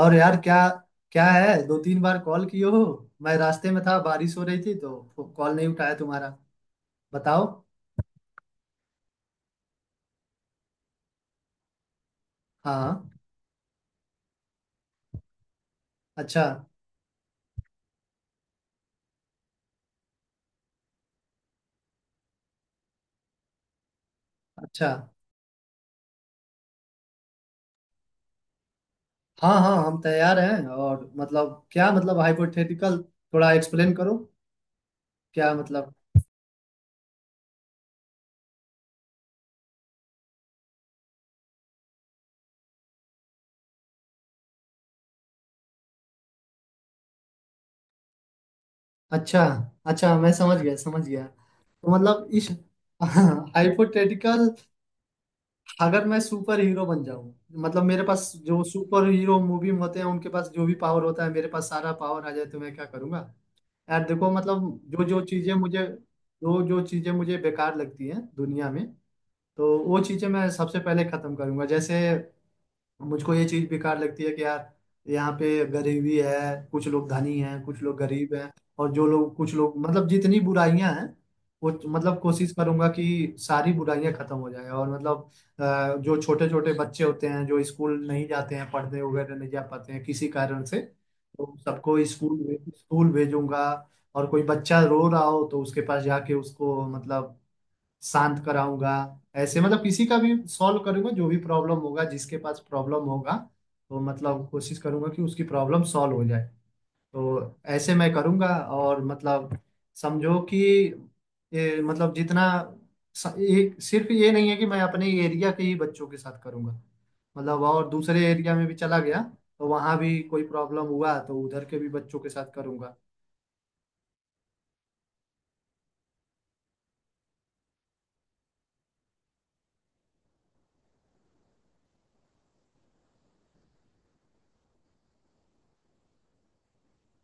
और यार, क्या? क्या है? 2-3 बार कॉल किए हो। मैं रास्ते में था, बारिश हो रही थी, तो कॉल नहीं उठाया तुम्हारा। बताओ। हाँ। अच्छा। अच्छा। हाँ हाँ, हम तैयार हैं। और मतलब क्या? मतलब हाइपोथेटिकल, थोड़ा एक्सप्लेन करो। क्या मतलब? अच्छा अच्छा, मैं समझ गया, समझ गया। तो मतलब इस हाइपोथेटिकल, अगर मैं सुपर हीरो बन जाऊं। मतलब मेरे पास, जो सुपर हीरो मूवी में होते हैं उनके पास जो भी पावर होता है, मेरे पास सारा पावर आ जाए, तो मैं क्या करूंगा? यार देखो, मतलब जो जो चीजें मुझे, जो जो चीजें मुझे बेकार लगती हैं दुनिया में, तो वो चीजें मैं सबसे पहले खत्म करूंगा, जैसे। मुझको ये चीज बेकार लगती है कि यार, यहाँ पे गरीबी है। कुछ लोग धनी हैं, कुछ लोग गरीब हैं। और जो लोग, कुछ लोग, मतलब जितनी बुराइयां हैं, वो मतलब कोशिश करूंगा कि सारी बुराइयां खत्म हो जाए, और मतलब, जो छोटे छोटे बच्चे होते हैं, जो स्कूल नहीं जाते हैं, पढ़ने वगैरह नहीं जा पाते हैं किसी कारण से, तो सबको स्कूल स्कूल भेजूंगा। और कोई बच्चा रो रहा हो, तो उसके पास जाके उसको, मतलब, शांत कराऊंगा। ऐसे, मतलब किसी का भी सॉल्व करूंगा, जो भी प्रॉब्लम होगा, जिसके पास प्रॉब्लम होगा, तो मतलब कोशिश करूंगा कि उसकी प्रॉब्लम सॉल्व हो जाए। तो ऐसे मैं करूंगा, और मतलब, समझो कि ये, मतलब जितना एक सिर्फ ये नहीं है कि मैं अपने एरिया के ही बच्चों के साथ करूंगा। मतलब और दूसरे एरिया में भी चला गया, तो वहां भी कोई प्रॉब्लम हुआ तो उधर के भी बच्चों के साथ करूंगा।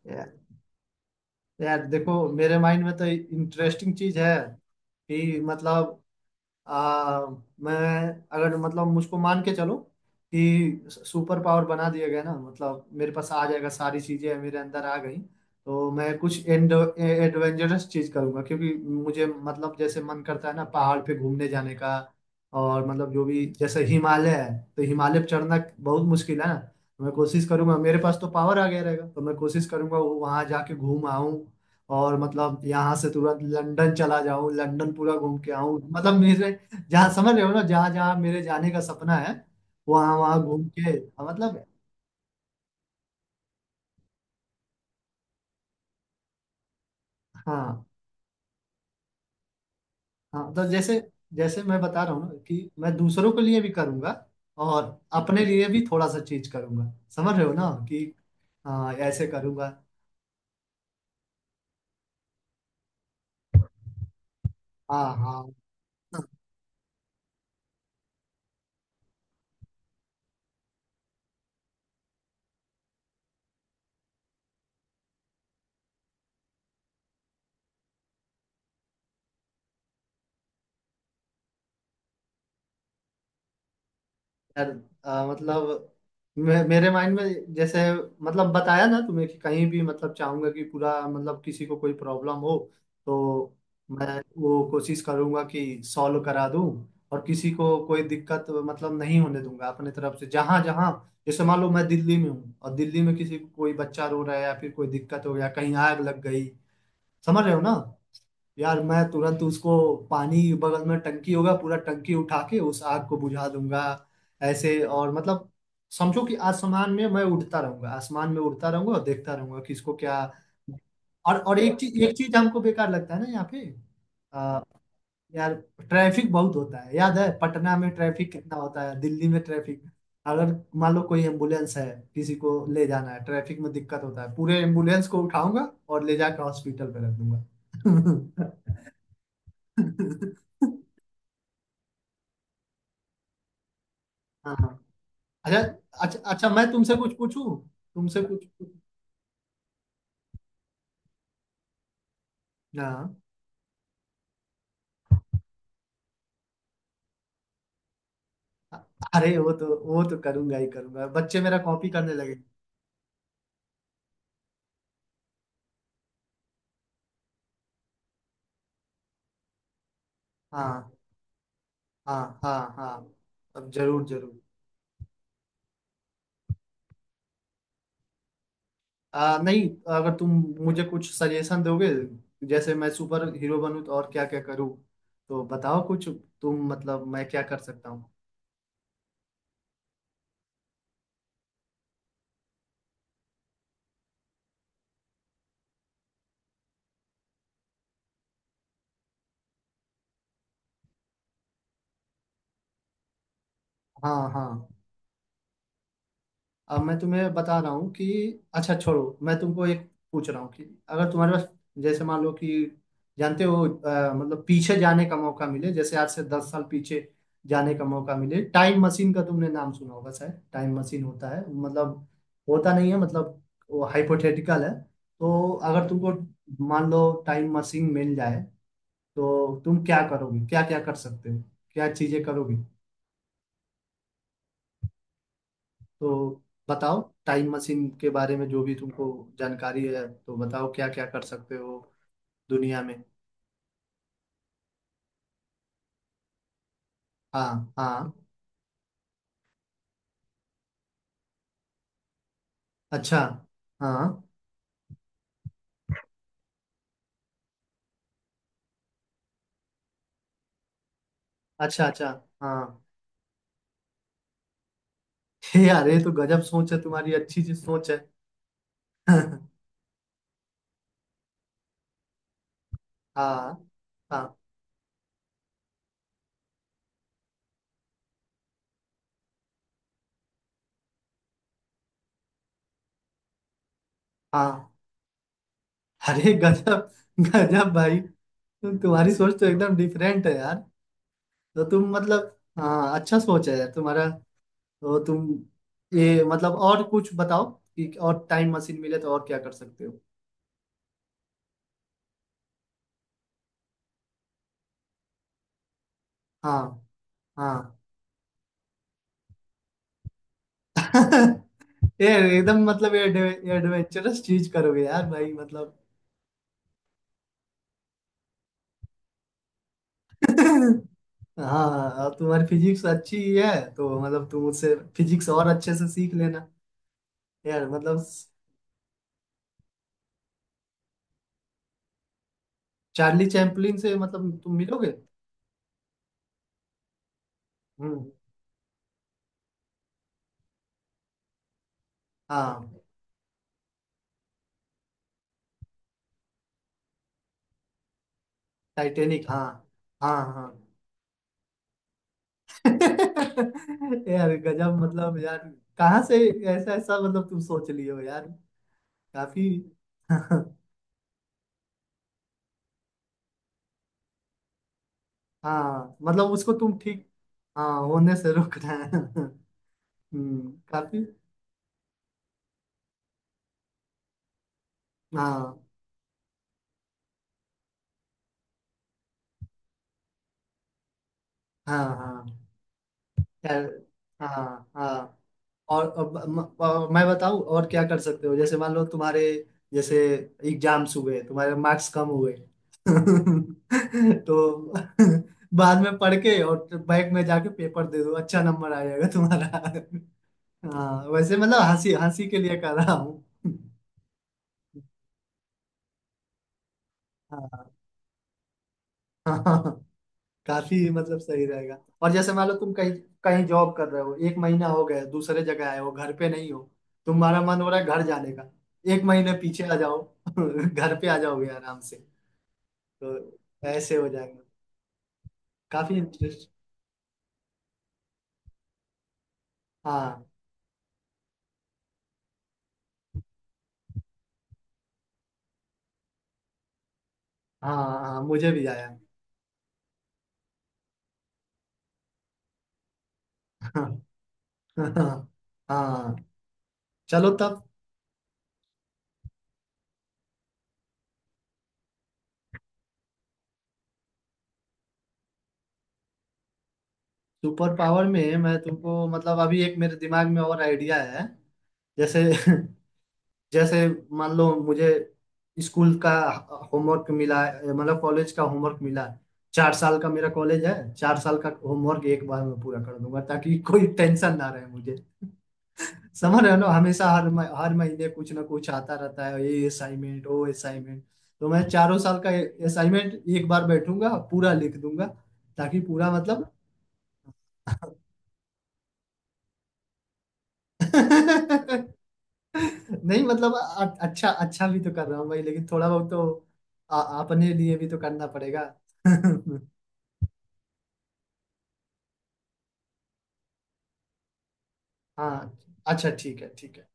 यार, यार देखो, मेरे माइंड में तो इंटरेस्टिंग चीज है, कि मतलब, आ, मैं, अगर मतलब मुझको मान के चलो कि सुपर पावर बना दिया गया ना, मतलब मेरे पास आ जाएगा, सारी चीजें मेरे अंदर आ गई, तो मैं कुछ एंड एडवेंचरस चीज करूंगा, क्योंकि मुझे, मतलब जैसे मन करता है ना पहाड़ पे घूमने जाने का। और मतलब जो भी, जैसे हिमालय है, तो हिमालय पे चढ़ना बहुत मुश्किल है ना, तो मैं कोशिश करूंगा, मेरे पास तो पावर आ गया रहेगा, तो मैं कोशिश करूंगा वो वहां जाके घूम आऊं। और मतलब यहाँ से तुरंत लंदन चला जाऊं, लंदन पूरा घूम के आऊं, मतलब मेरे, जहाँ समझ रहे हो ना, जहाँ जहाँ मेरे जाने का सपना है, वहाँ वहाँ घूम के, हाँ, मतलब। हाँ हाँ, तो जैसे, जैसे मैं बता रहा हूँ ना, कि मैं दूसरों के लिए भी करूँगा, और अपने लिए भी थोड़ा सा चीज करूँगा, समझ रहे हो ना, कि हाँ, ऐसे करूँगा। हाँ हाँ यार, मतलब मेरे माइंड में जैसे, मतलब बताया ना तुम्हें कि कहीं भी मतलब चाहूंगा कि पूरा, मतलब किसी को कोई प्रॉब्लम हो, तो मैं, वो कोशिश करूंगा कि सॉल्व करा दूं। और किसी को कोई दिक्कत, मतलब नहीं होने दूंगा अपने तरफ से, जहां जहां। जैसे मान लो मैं दिल्ली में हूँ, और दिल्ली में किसी को, कोई बच्चा रो रहा है, या फिर कोई दिक्कत हो गया, कहीं आग लग गई। समझ रहे हो ना? यार मैं तुरंत उसको, पानी, बगल में टंकी होगा, पूरा टंकी उठा के उस आग को बुझा दूंगा। ऐसे, और मतलब समझो कि आसमान में मैं उड़ता रहूंगा, आसमान में उड़ता रहूंगा, और देखता रहूंगा कि इसको क्या। और एक चीज, एक चीज हमको बेकार लगता है ना यहाँ पे। यार, ट्रैफिक बहुत होता है, याद है पटना में ट्रैफिक कितना होता है, दिल्ली में ट्रैफिक। अगर मान लो कोई एम्बुलेंस है, किसी को ले जाना है, ट्रैफिक में दिक्कत होता है, पूरे एम्बुलेंस को उठाऊंगा और ले जाकर हॉस्पिटल पे रख दूंगा। हाँ हाँ। अच्छा। अच्छा, अच्छा, मैं तुमसे कुछ पूछूं? हाँ। अरे वो तो करूंगा ही करूंगा, बच्चे मेरा कॉपी करने लगे। हाँ हाँ हाँ हाँ। अब जरूर जरूर। नहीं, अगर तुम मुझे कुछ सजेशन दोगे, जैसे मैं सुपर हीरो बनूं तो और क्या क्या करूँ, तो बताओ कुछ, तुम, मतलब मैं क्या कर सकता हूँ? हाँ हाँ। अब मैं तुम्हें बता रहा हूँ कि, अच्छा छोड़ो, मैं तुमको एक पूछ रहा हूँ कि, अगर तुम्हारे पास, जैसे मान लो कि, जानते हो, मतलब पीछे जाने का मौका मिले, जैसे आज से 10 साल पीछे जाने का मौका मिले। टाइम मशीन का तुमने नाम सुना होगा शायद। टाइम मशीन होता है, मतलब होता नहीं है, मतलब वो हाइपोथेटिकल है। तो अगर तुमको, मान लो टाइम मशीन मिल जाए, तो तुम क्या करोगे? क्या क्या कर सकते हो? क्या चीजें करोगे? तो बताओ, टाइम मशीन के बारे में जो भी तुमको जानकारी है तो बताओ, क्या क्या कर सकते हो दुनिया में? हाँ हाँ। अच्छा। हाँ। अच्छा अच्छा। हाँ। हे यार, ये तो गजब सोच है तुम्हारी, अच्छी सी सोच है। हाँ हाँ हाँ। अरे गजब, गजब भाई, तुम्हारी सोच तो एकदम डिफरेंट है यार। तो तुम, मतलब, हाँ अच्छा सोच है यार तुम्हारा। तो तुम, ये मतलब और कुछ बताओ, कि और टाइम मशीन मिले तो और क्या कर सकते हो? हाँ हाँ। ये एकदम, मतलब ये एडवेंचरस चीज करोगे यार भाई, मतलब। हाँ, और तुम्हारी फिजिक्स अच्छी ही है, तो मतलब तुम उससे फिजिक्स और अच्छे से सीख लेना। यार मतलब। चार्ली चैपलिन से, मतलब तुम मिलोगे? हम्म। हाँ। टाइटैनिक, हाँ। हाँ हाँ। यार गजब, मतलब यार कहाँ से ऐसा ऐसा, मतलब तुम सोच लिए हो यार, काफी। हाँ, मतलब उसको तुम ठीक। हाँ, होने से रोकना है। हम्म, काफी। हाँ हाँ हाँ यार, हाँ हाँ। और अब और मैं बताऊँ और क्या कर सकते हो, जैसे मान लो तुम्हारे, जैसे एग्जाम्स हुए, तुम्हारे मार्क्स कम हुए। तो बाद में पढ़ के और बैग में जाके पेपर दे दो, अच्छा नंबर आ जाएगा तुम्हारा। हाँ, वैसे मतलब हंसी हंसी के लिए कर रहा हूँ। हाँ। काफी, मतलब सही रहेगा। और जैसे मान लो तुम कहीं, कहीं जॉब कर रहे हो, 1 महीना हो गया, दूसरे जगह आए हो, घर पे नहीं हो, तुम्हारा मन हो रहा है घर जाने का, 1 महीने पीछे आ जाओ, घर पे आ जाओगे आराम से। तो ऐसे हो जाएगा। काफी इंटरेस्ट। हाँ हाँ, हाँ मुझे भी आया। हाँ हाँ, चलो तब। सुपर पावर में मैं तुमको, मतलब अभी एक मेरे दिमाग में और आइडिया है, जैसे जैसे मान लो, मुझे स्कूल का होमवर्क मिला है, मतलब कॉलेज का होमवर्क मिला है। 4 साल का मेरा कॉलेज है, 4 साल का होमवर्क एक बार में पूरा कर दूंगा, ताकि कोई टेंशन ना रहे मुझे। समझ रहे हो ना, हमेशा हर महीने कुछ ना कुछ आता रहता है, ये असाइनमेंट, वो असाइनमेंट। तो मैं चारों साल का असाइनमेंट एक बार बैठूंगा, पूरा लिख दूंगा, ताकि पूरा, मतलब। नहीं, मतलब अच्छा अच्छा भी तो कर रहा हूँ भाई, लेकिन थोड़ा बहुत तो अपने लिए भी तो करना पड़ेगा। हाँ, अच्छा ठीक है, ठीक है।